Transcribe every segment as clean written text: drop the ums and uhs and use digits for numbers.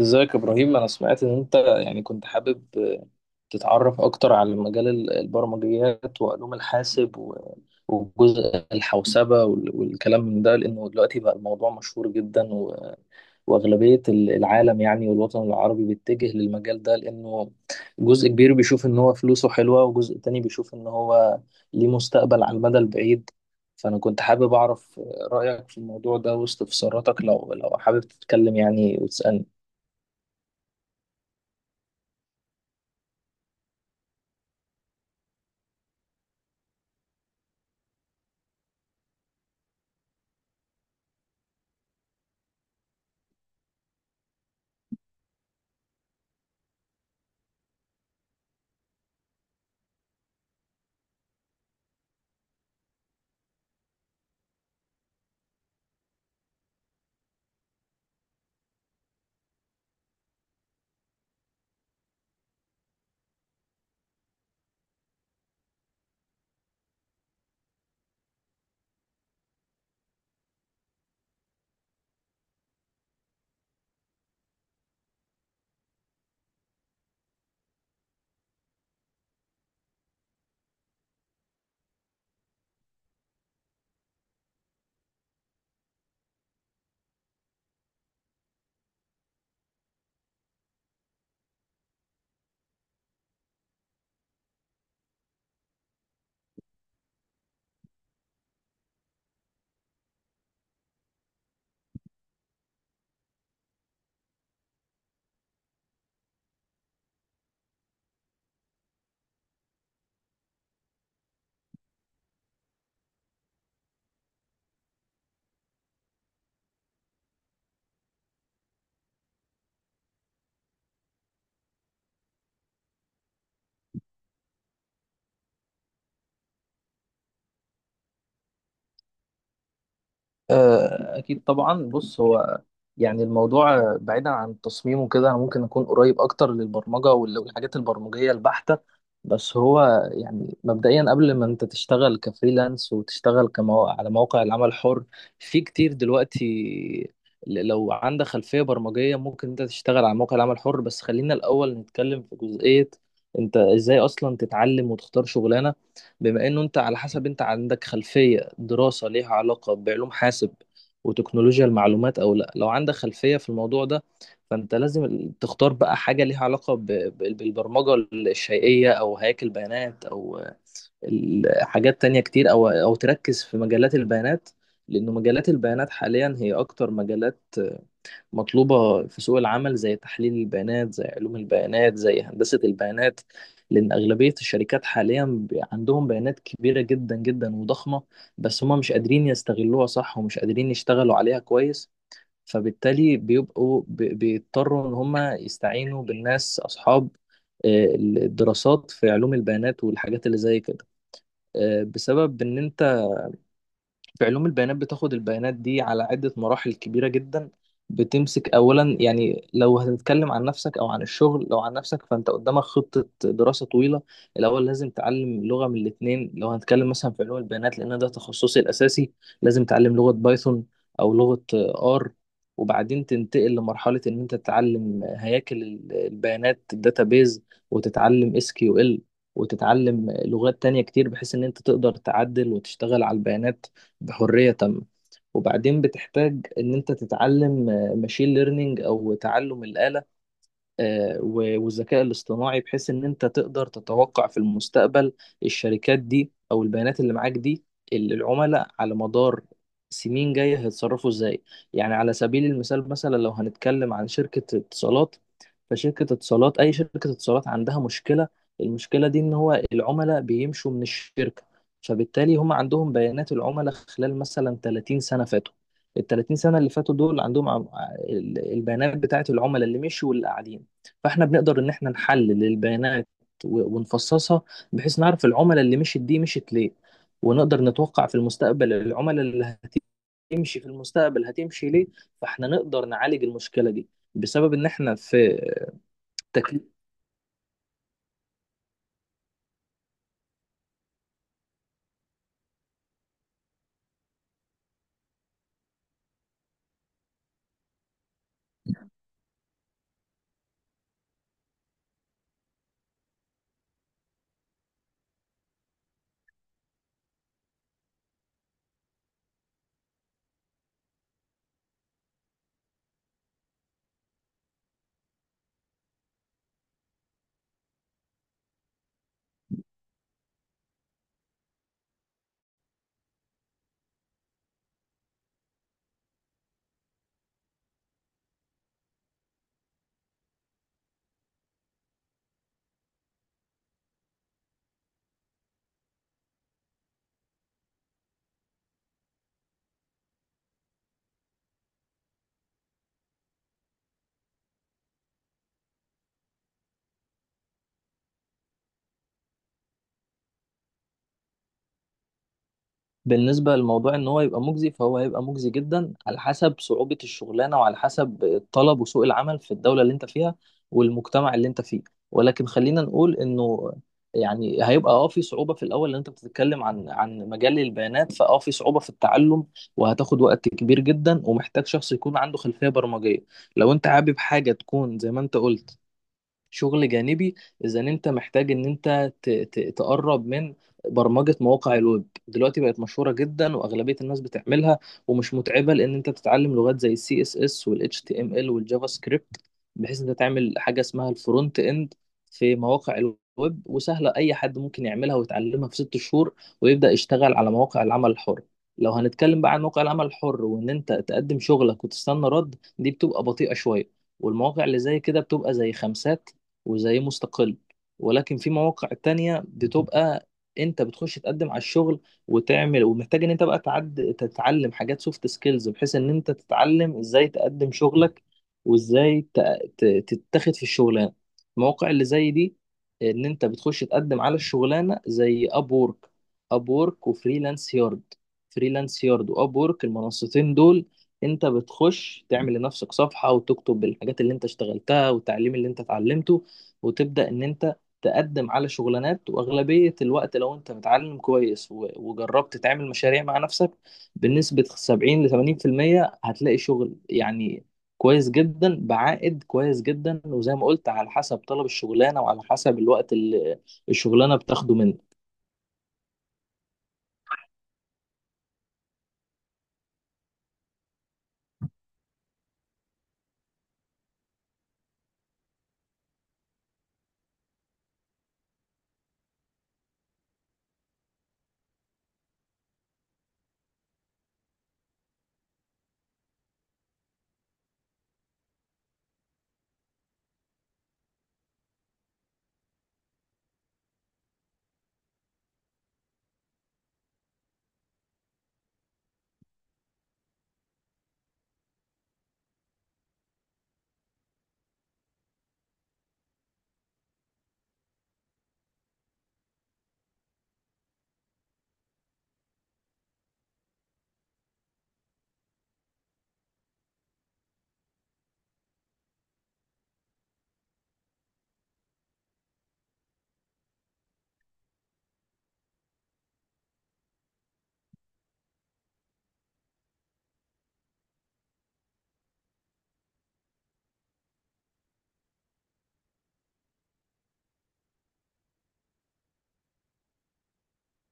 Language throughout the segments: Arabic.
ازيك يا ابراهيم، انا سمعت ان انت يعني كنت حابب تتعرف اكتر على مجال البرمجيات وعلوم الحاسب وجزء الحوسبة والكلام من ده، لانه دلوقتي بقى الموضوع مشهور جدا واغلبية العالم يعني والوطن العربي بيتجه للمجال ده، لانه جزء كبير بيشوف ان هو فلوسه حلوة، وجزء تاني بيشوف ان هو ليه مستقبل على المدى البعيد. فأنا كنت حابب أعرف رأيك في الموضوع ده واستفساراتك لو حابب تتكلم يعني وتسألني. أكيد طبعا. بص، هو يعني الموضوع، بعيدا عن التصميم وكده، أنا ممكن أكون قريب أكتر للبرمجة والحاجات البرمجية البحتة. بس هو يعني مبدئيا، قبل ما أنت تشتغل كفريلانس وتشتغل على مواقع العمل الحر، في كتير دلوقتي. لو عندك خلفية برمجية ممكن أنت تشتغل على مواقع العمل الحر، بس خلينا الأول نتكلم في جزئية أنت إزاي أصلا تتعلم وتختار شغلانة. بما انه انت، على حسب، انت عندك خلفية دراسة ليها علاقة بعلوم حاسب وتكنولوجيا المعلومات او لا، لو عندك خلفية في الموضوع ده فانت لازم تختار بقى حاجة ليها علاقة بالبرمجة الشيئية، او هياكل بيانات، او حاجات تانية كتير، او تركز في مجالات البيانات، لانه مجالات البيانات حاليا هي اكتر مجالات مطلوبة في سوق العمل، زي تحليل البيانات، زي علوم البيانات، زي هندسة البيانات. لأن أغلبية الشركات حاليا عندهم بيانات كبيرة جدا جدا وضخمة، بس هما مش قادرين يستغلوها صح ومش قادرين يشتغلوا عليها كويس، فبالتالي بيبقوا بيضطروا إن هما يستعينوا بالناس أصحاب الدراسات في علوم البيانات والحاجات اللي زي كده. بسبب إن أنت في علوم البيانات بتاخد البيانات دي على عدة مراحل كبيرة جدا. بتمسك أولا، يعني لو هتتكلم عن نفسك أو عن الشغل، لو عن نفسك فأنت قدامك خطة دراسة طويلة. الأول لازم تعلم لغة من الاتنين، لو هنتكلم مثلا في علوم البيانات لأن ده تخصصي الأساسي، لازم تعلم لغة بايثون أو لغة آر، وبعدين تنتقل لمرحلة إن أنت تتعلم هياكل البيانات، الداتابيز، وتتعلم اس كيو ال، وتتعلم لغات تانية كتير بحيث إن أنت تقدر تعدل وتشتغل على البيانات بحرية تامة. وبعدين بتحتاج ان انت تتعلم ماشين ليرنينج او تعلم الآلة والذكاء الاصطناعي، بحيث ان انت تقدر تتوقع في المستقبل الشركات دي او البيانات اللي معاك دي، اللي العملاء على مدار سنين جاية هيتصرفوا ازاي. يعني على سبيل المثال، مثلا لو هنتكلم عن شركة اتصالات، فشركة اتصالات، اي شركة اتصالات، عندها مشكلة. المشكلة دي ان هو العملاء بيمشوا من الشركة، فبالتالي هم عندهم بيانات العملاء خلال مثلا 30 سنة فاتوا. ال 30 سنة اللي فاتوا دول عندهم البيانات بتاعت العملاء اللي مشوا واللي قاعدين، فاحنا بنقدر ان احنا نحلل البيانات ونفصصها بحيث نعرف العملاء اللي مشت دي مشت ليه، ونقدر نتوقع في المستقبل العملاء اللي هتمشي في المستقبل هتمشي ليه. فاحنا نقدر نعالج المشكلة دي بسبب ان احنا في تكليف. بالنسبة لموضوع ان هو يبقى مجزي، فهو هيبقى مجزي جدا على حسب صعوبة الشغلانة وعلى حسب الطلب وسوق العمل في الدولة اللي انت فيها والمجتمع اللي انت فيه. ولكن خلينا نقول انه يعني هيبقى في صعوبة في الاول، لان انت بتتكلم عن مجال البيانات، فاه في صعوبة في التعلم وهتاخد وقت كبير جدا ومحتاج شخص يكون عنده خلفية برمجية. لو انت حابب حاجة تكون زي ما انت قلت، شغل جانبي، اذا انت محتاج ان انت تقرب من برمجة مواقع الويب. دلوقتي بقت مشهورة جدا واغلبية الناس بتعملها، ومش متعبة لان انت بتتعلم لغات زي السي اس اس والاتش تي ام ال والجافا سكريبت، بحيث انت تعمل حاجة اسمها الفرونت اند في مواقع الويب، وسهلة اي حد ممكن يعملها ويتعلمها في ست شهور ويبدأ يشتغل على مواقع العمل الحر. لو هنتكلم بقى عن مواقع العمل الحر وان انت تقدم شغلك وتستنى رد، دي بتبقى بطيئة شوية. والمواقع اللي زي كده بتبقى زي خمسات، وزي مستقل. ولكن في مواقع تانية بتبقى انت بتخش تقدم على الشغل وتعمل، ومحتاج ان انت بقى تعد تتعلم حاجات سوفت سكيلز بحيث ان انت تتعلم ازاي تقدم شغلك وازاي ت- تتاخد في الشغلانه. المواقع اللي زي دي ان انت بتخش تقدم على الشغلانه زي اب وورك. اب وورك وفريلانس يارد، فريلانس يارد واب وورك، المنصتين دول انت بتخش تعمل لنفسك صفحه وتكتب الحاجات اللي انت اشتغلتها والتعليم اللي انت اتعلمته، وتبدأ إن أنت تقدم على شغلانات. وأغلبية الوقت لو أنت متعلم كويس وجربت تعمل مشاريع مع نفسك، بنسبة 70 ل 80% هتلاقي شغل يعني كويس جدا بعائد كويس جدا، وزي ما قلت على حسب طلب الشغلانة وعلى حسب الوقت اللي الشغلانة بتاخده منك.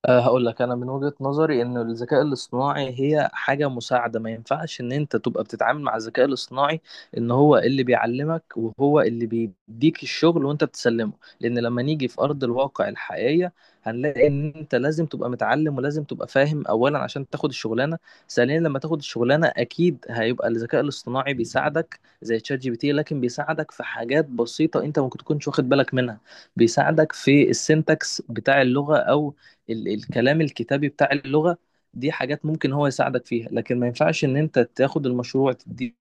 أه، هقول لك انا من وجهة نظري ان الذكاء الاصطناعي هي حاجة مساعدة. ما ينفعش ان انت تبقى بتتعامل مع الذكاء الاصطناعي ان هو اللي بيعلمك وهو اللي بيديك الشغل وانت بتسلمه، لان لما نيجي في ارض الواقع الحقيقية هنلاقي ان انت لازم تبقى متعلم ولازم تبقى فاهم اولا عشان تاخد الشغلانة. ثانيا، لما تاخد الشغلانة اكيد هيبقى الذكاء الاصطناعي بيساعدك زي تشات جي بي تي، لكن بيساعدك في حاجات بسيطة انت ممكن تكونش واخد بالك منها. بيساعدك في السنتكس بتاع اللغة او الكلام الكتابي بتاع اللغة. دي حاجات ممكن هو يساعدك فيها، لكن ما ينفعش ان انت تاخد المشروع تديه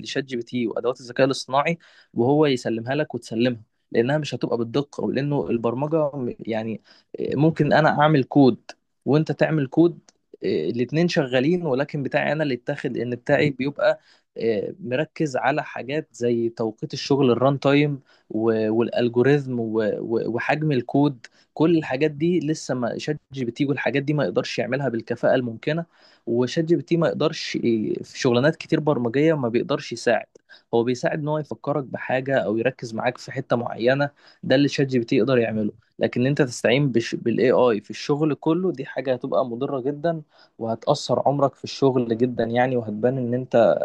لشات جي بي تي وادوات الذكاء الاصطناعي وهو يسلمها لك وتسلمها، لانها مش هتبقى بالدقة، ولانه البرمجة يعني ممكن انا اعمل كود وانت تعمل كود، الاتنين شغالين، ولكن بتاعي انا اللي اتاخد ان بتاعي بيبقى مركز على حاجات زي توقيت الشغل، الران تايم والالجوريزم وحجم الكود. كل الحاجات دي لسه ما شات جي بي تي والحاجات دي ما يقدرش يعملها بالكفاءة الممكنة. وشات جي بي تي ما يقدرش في شغلانات كتير برمجية ما بيقدرش يساعد. هو بيساعد ان هو يفكرك بحاجة او يركز معاك في حتة معينة، ده اللي شات جي بي تي يقدر يعمله. لكن انت تستعين بالاي اي في الشغل كله، دي حاجة هتبقى مضرة جدا وهتأثر عمرك في الشغل جدا، يعني وهتبان ان انت،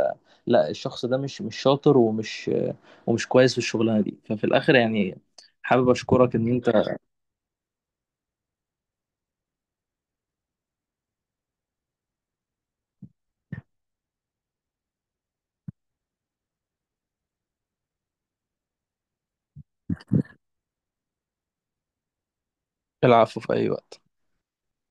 لا، الشخص ده مش شاطر ومش كويس في الشغلانة دي. ففي الاخر يعني حابب اشكرك ان انت. العفو، في أي وقت.